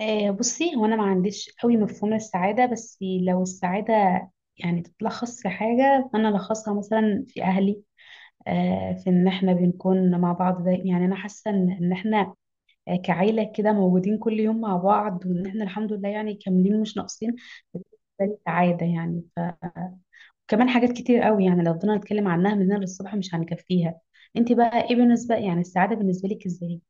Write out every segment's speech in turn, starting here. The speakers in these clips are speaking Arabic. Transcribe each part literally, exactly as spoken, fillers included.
آه، بصي، هو انا ما عنديش قوي مفهوم السعاده، بس لو السعاده يعني تتلخص في حاجه، فانا لخصها مثلا في اهلي. آه، في ان احنا بنكون مع بعض داي- يعني انا حاسه ان إن احنا آه، كعيله كده، موجودين كل يوم مع بعض، وان احنا الحمد لله يعني كاملين مش ناقصين. ده السعاده يعني ف كمان حاجات كتير قوي، يعني لو فضلنا نتكلم عنها من هنا للصبح مش هنكفيها. انت بقى ايه بالنسبه، يعني السعاده بالنسبه لك ازاي؟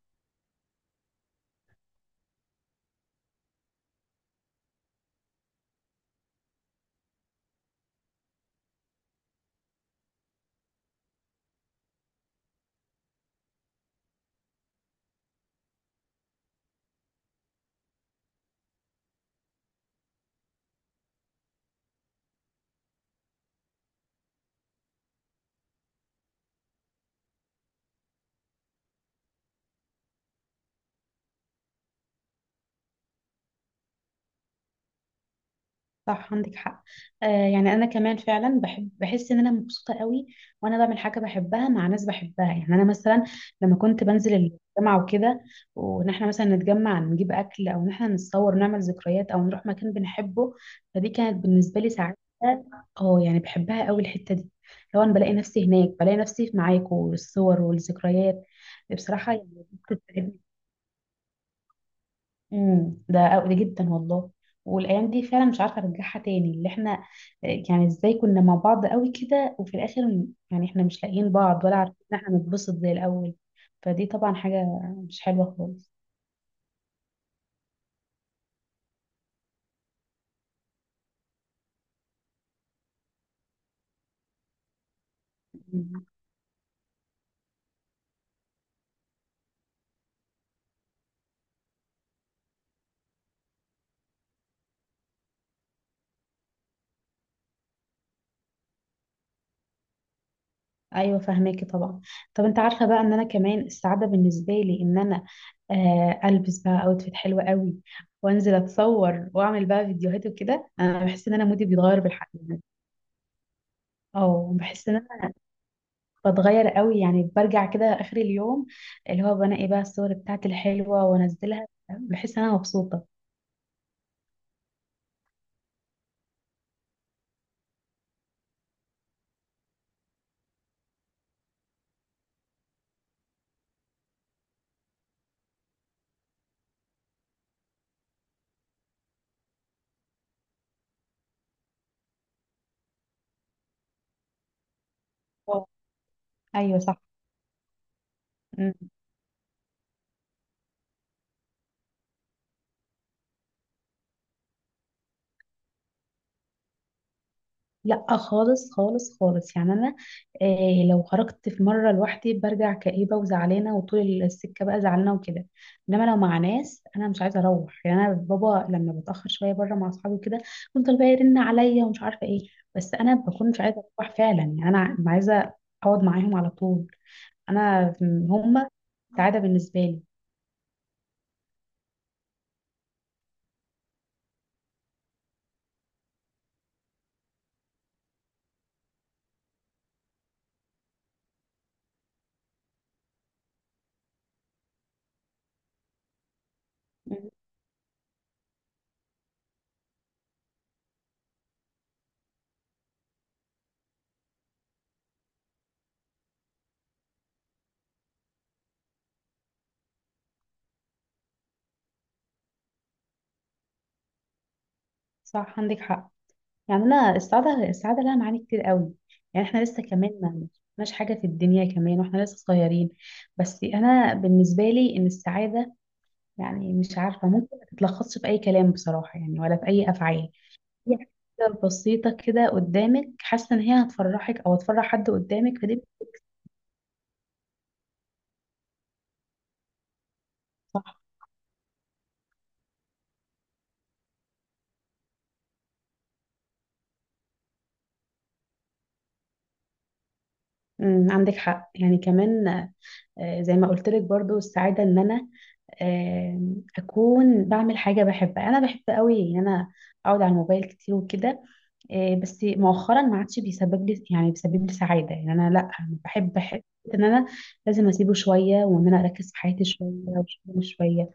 صح، عندك حق. آه، يعني انا كمان فعلا بحب، بحس ان انا مبسوطه قوي وانا بعمل حاجه بحبها مع ناس بحبها. يعني انا مثلا لما كنت بنزل الجامعه وكده، وان احنا مثلا نتجمع نجيب اكل، او ان احنا نتصور ونعمل ذكريات، او نروح مكان بنحبه، فدي كانت بالنسبه لي سعاده. اه يعني بحبها قوي الحته دي. لو انا بلاقي نفسي هناك، بلاقي نفسي معاكم والصور والذكريات، بصراحه يعني بتسعدني. امم ده قوي جدا والله. والايام دي فعلا مش عارفه ارجعها تاني، اللي احنا يعني ازاي كنا مع بعض قوي كده، وفي الاخر يعني احنا مش لاقيين بعض، ولا عارفين ان احنا نتبسط زي الاول. فدي طبعا حاجه مش حلوه خالص. مم. ايوه فهماكي طبعا. طب انت عارفه بقى، ان انا كمان السعاده بالنسبه لي، ان انا آه البس بقى اوتفيت حلوه قوي، وانزل اتصور، واعمل بقى فيديوهات وكده، انا بحس ان انا مودي بيتغير بالحق. اه بحس ان بتغير قوي، يعني برجع كده اخر اليوم، اللي هو بنقي بقى الصور بتاعتي الحلوه وانزلها، بحس ان انا مبسوطه. واو. ايوه صح. مم. لا خالص خالص خالص، يعني انا إيه لو خرجت في مره لوحدي برجع كئيبه وزعلانه، وطول السكه بقى زعلانه وكده. انما لو مع ناس انا مش عايزه اروح. يعني انا بابا لما بتاخر شويه بره مع اصحابي وكده، بيفضل بقى يرن عليا ومش عارفه ايه، بس انا بكون مش عايزه اروح فعلا. يعني انا عايزه اقعد معاهم على طول. انا، هما سعاده بالنسبه لي. مم. صح، عندك حق. يعني انا السعاده السعاده لها معاني كتير قوي. يعني احنا لسه كمان ما، مش حاجه في الدنيا كمان واحنا لسه صغيرين. بس انا بالنسبه لي ان السعاده، يعني مش عارفه، ممكن ما تتلخصش في اي كلام بصراحه، يعني ولا في اي افعال. هي حاجه بسيطه كده قدامك، حاسه ان هي هتفرحك او هتفرح حد قدامك، فدي. صح. أمم، عندك حق يعني كمان. آه، زي ما قلت لك برضو السعادة، ان انا آم، اكون بعمل حاجة بحبها. انا بحب قوي ان انا اقعد على الموبايل كتير وكده. آه، بس مؤخرا ما عادش بيسبب لي، يعني بيسبب لي سعادة. يعني انا، لا، أنا بحب، بحب ان انا لازم اسيبه شوية، وان انا اركز في حياتي شوية وشغلي شوية.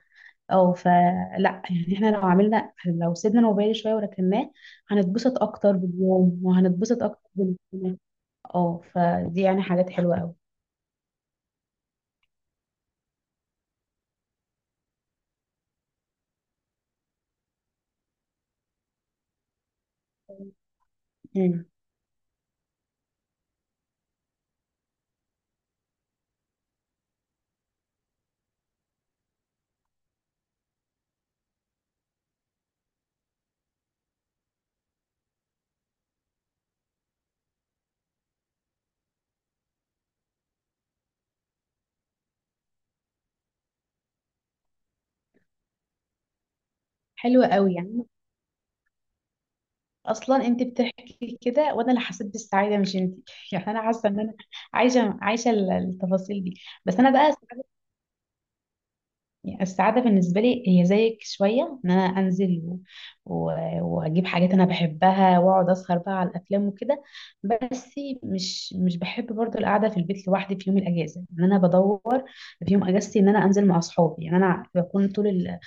او فلا، يعني احنا لو عملنا، لو سيبنا الموبايل شوية وركناه، هنتبسط اكتر باليوم وهنتبسط اكتر بالسنة. اه فدي يعني حاجات حلوة قوي، حلوة قوي. يعني اصلا انت بتحكي كده وانا اللي حسيت بالسعاده مش انت يعني انا حاسه ان انا عايشه عايشه ال- التفاصيل دي. بس انا بقى، يعني السعاده بالنسبه لي هي زيك شويه، ان انا انزل و... و... واجيب حاجات انا بحبها، واقعد اسهر بقى على الافلام وكده. بس مش مش بحب برضو القعده في البيت لوحدي في يوم الاجازه. ان انا بدور في يوم اجازتي، ان انا انزل مع اصحابي. يعني انا بكون طول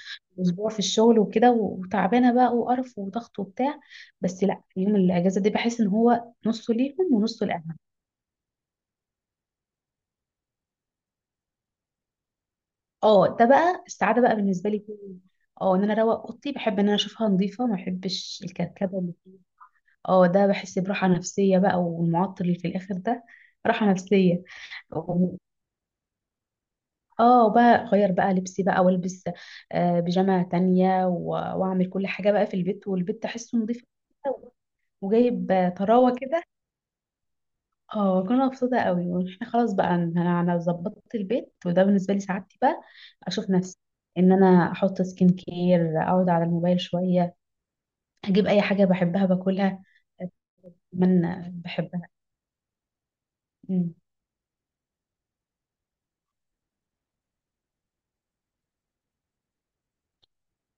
اسبوع في الشغل وكده، وتعبانه بقى وقرف وضغط وبتاع. بس لا، يوم الاجازه دي بحس ان هو نصه ليهم ونصه لاهلهم. اه ده بقى السعاده بقى بالنسبه لي فيه. اه، ان انا اروق اوضتي. بحب ان انا اشوفها نظيفه، ما بحبش الكركبه اللي فيها. اه ده بحس براحه نفسيه بقى، والمعطر اللي في الاخر ده راحه نفسيه. و- اه بقى اغير بقى لبسي بقى، والبس آه بيجامه تانية و- واعمل كل حاجه بقى في البيت، والبيت تحسه نظيف كده، وجايب آه، طراوه كده. اه كنا مبسوطة قوي واحنا خلاص بقى، ان انا أنا ظبطت البيت، وده بالنسبة لي سعادتي بقى. اشوف نفسي ان انا احط سكين كير، اقعد على الموبايل شوية، اجيب اي حاجة بحبها باكلها اتمنى بحبها. أمم.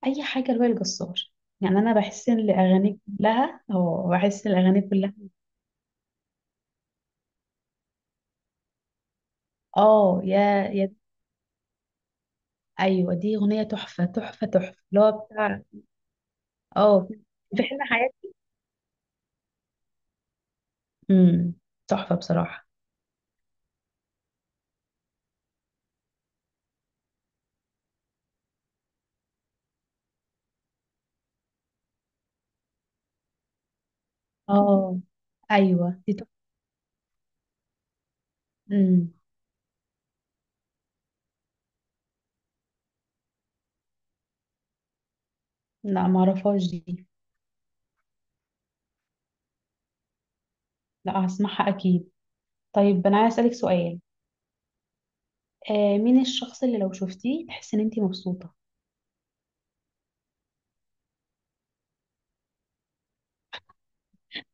اي حاجة لوائل الجسار. يعني انا بحس ان الاغاني كلها، اه بحس ان الاغاني كلها اه يا يا ايوه دي اغنية تحفة تحفة تحفة، اللي هو بتاع اه في حين حياتي. امم تحفة بصراحة. اه ايوه دي تحفة. لا معرفهاش دي. لا هسمعها اكيد. طيب انا عايز اسالك سؤال: آه مين الشخص اللي لو شفتيه تحس ان انتي مبسوطه؟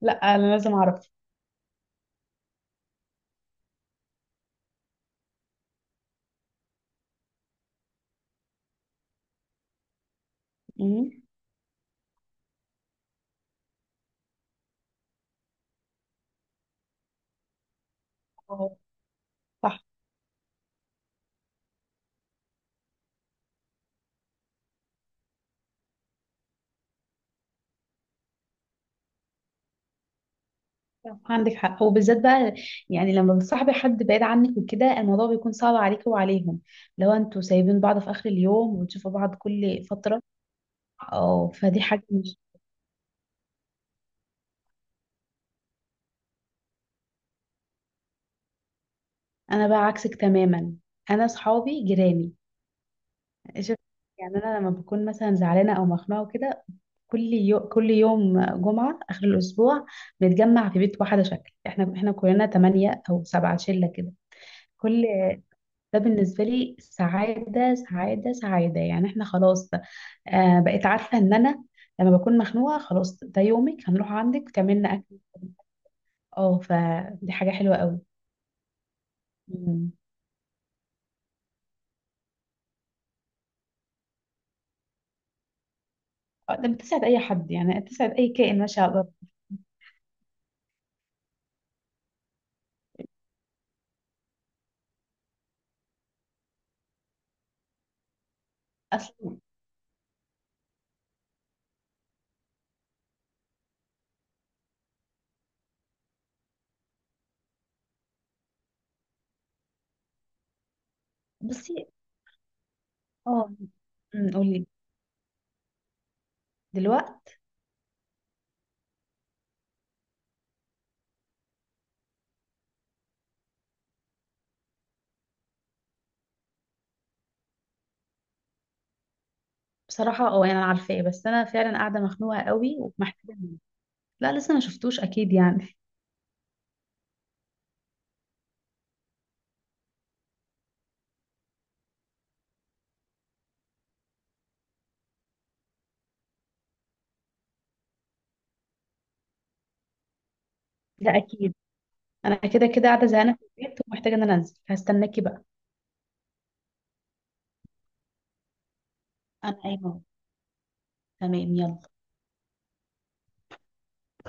لا، انا لازم اعرف. مم. أهو، صح، صح، عندك حق. وبالذات بقى يعني لما بتصاحبي حد بعيد عنك وكده، الموضوع بيكون صعب عليك وعليهم لو انتوا سايبين بعض في اخر اليوم وتشوفوا بعض كل فتره. اه فدي حاجه مش. انا بقى عكسك تماما. انا صحابي جيراني. شوف، يعني انا لما بكون مثلا زعلانه او مخنوقه وكده، كل يو... كل يوم جمعة آخر الأسبوع بنتجمع في بيت واحدة شكل، احنا احنا كلنا تمانية أو سبعة شلة كده. كل ده بالنسبة لي سعادة سعادة سعادة. يعني احنا خلاص آه بقيت عارفة إن أنا لما بكون مخنوقة خلاص، ده يومك، هنروح عندك تعملنا أكل. اه فدي حاجة حلوة قوي. مم. آه، ده بتسعد أي حد، يعني بتسعد أي كائن ماشي على الأرض. أصلا، بصي، اه. مم، قولي. دلوقتي بصراحة، اه يعني انا عارفاه، بس انا فعلا قاعدة مخنوقة قوي ومحتاجة منه. لا لسه ما شفتوش اكيد يعني. لا اكيد. انا كده كده قاعدة زهقانة في البيت، ومحتاجة ان انا انزل. هستناكي بقى. انا، ايوه. تمام يلا.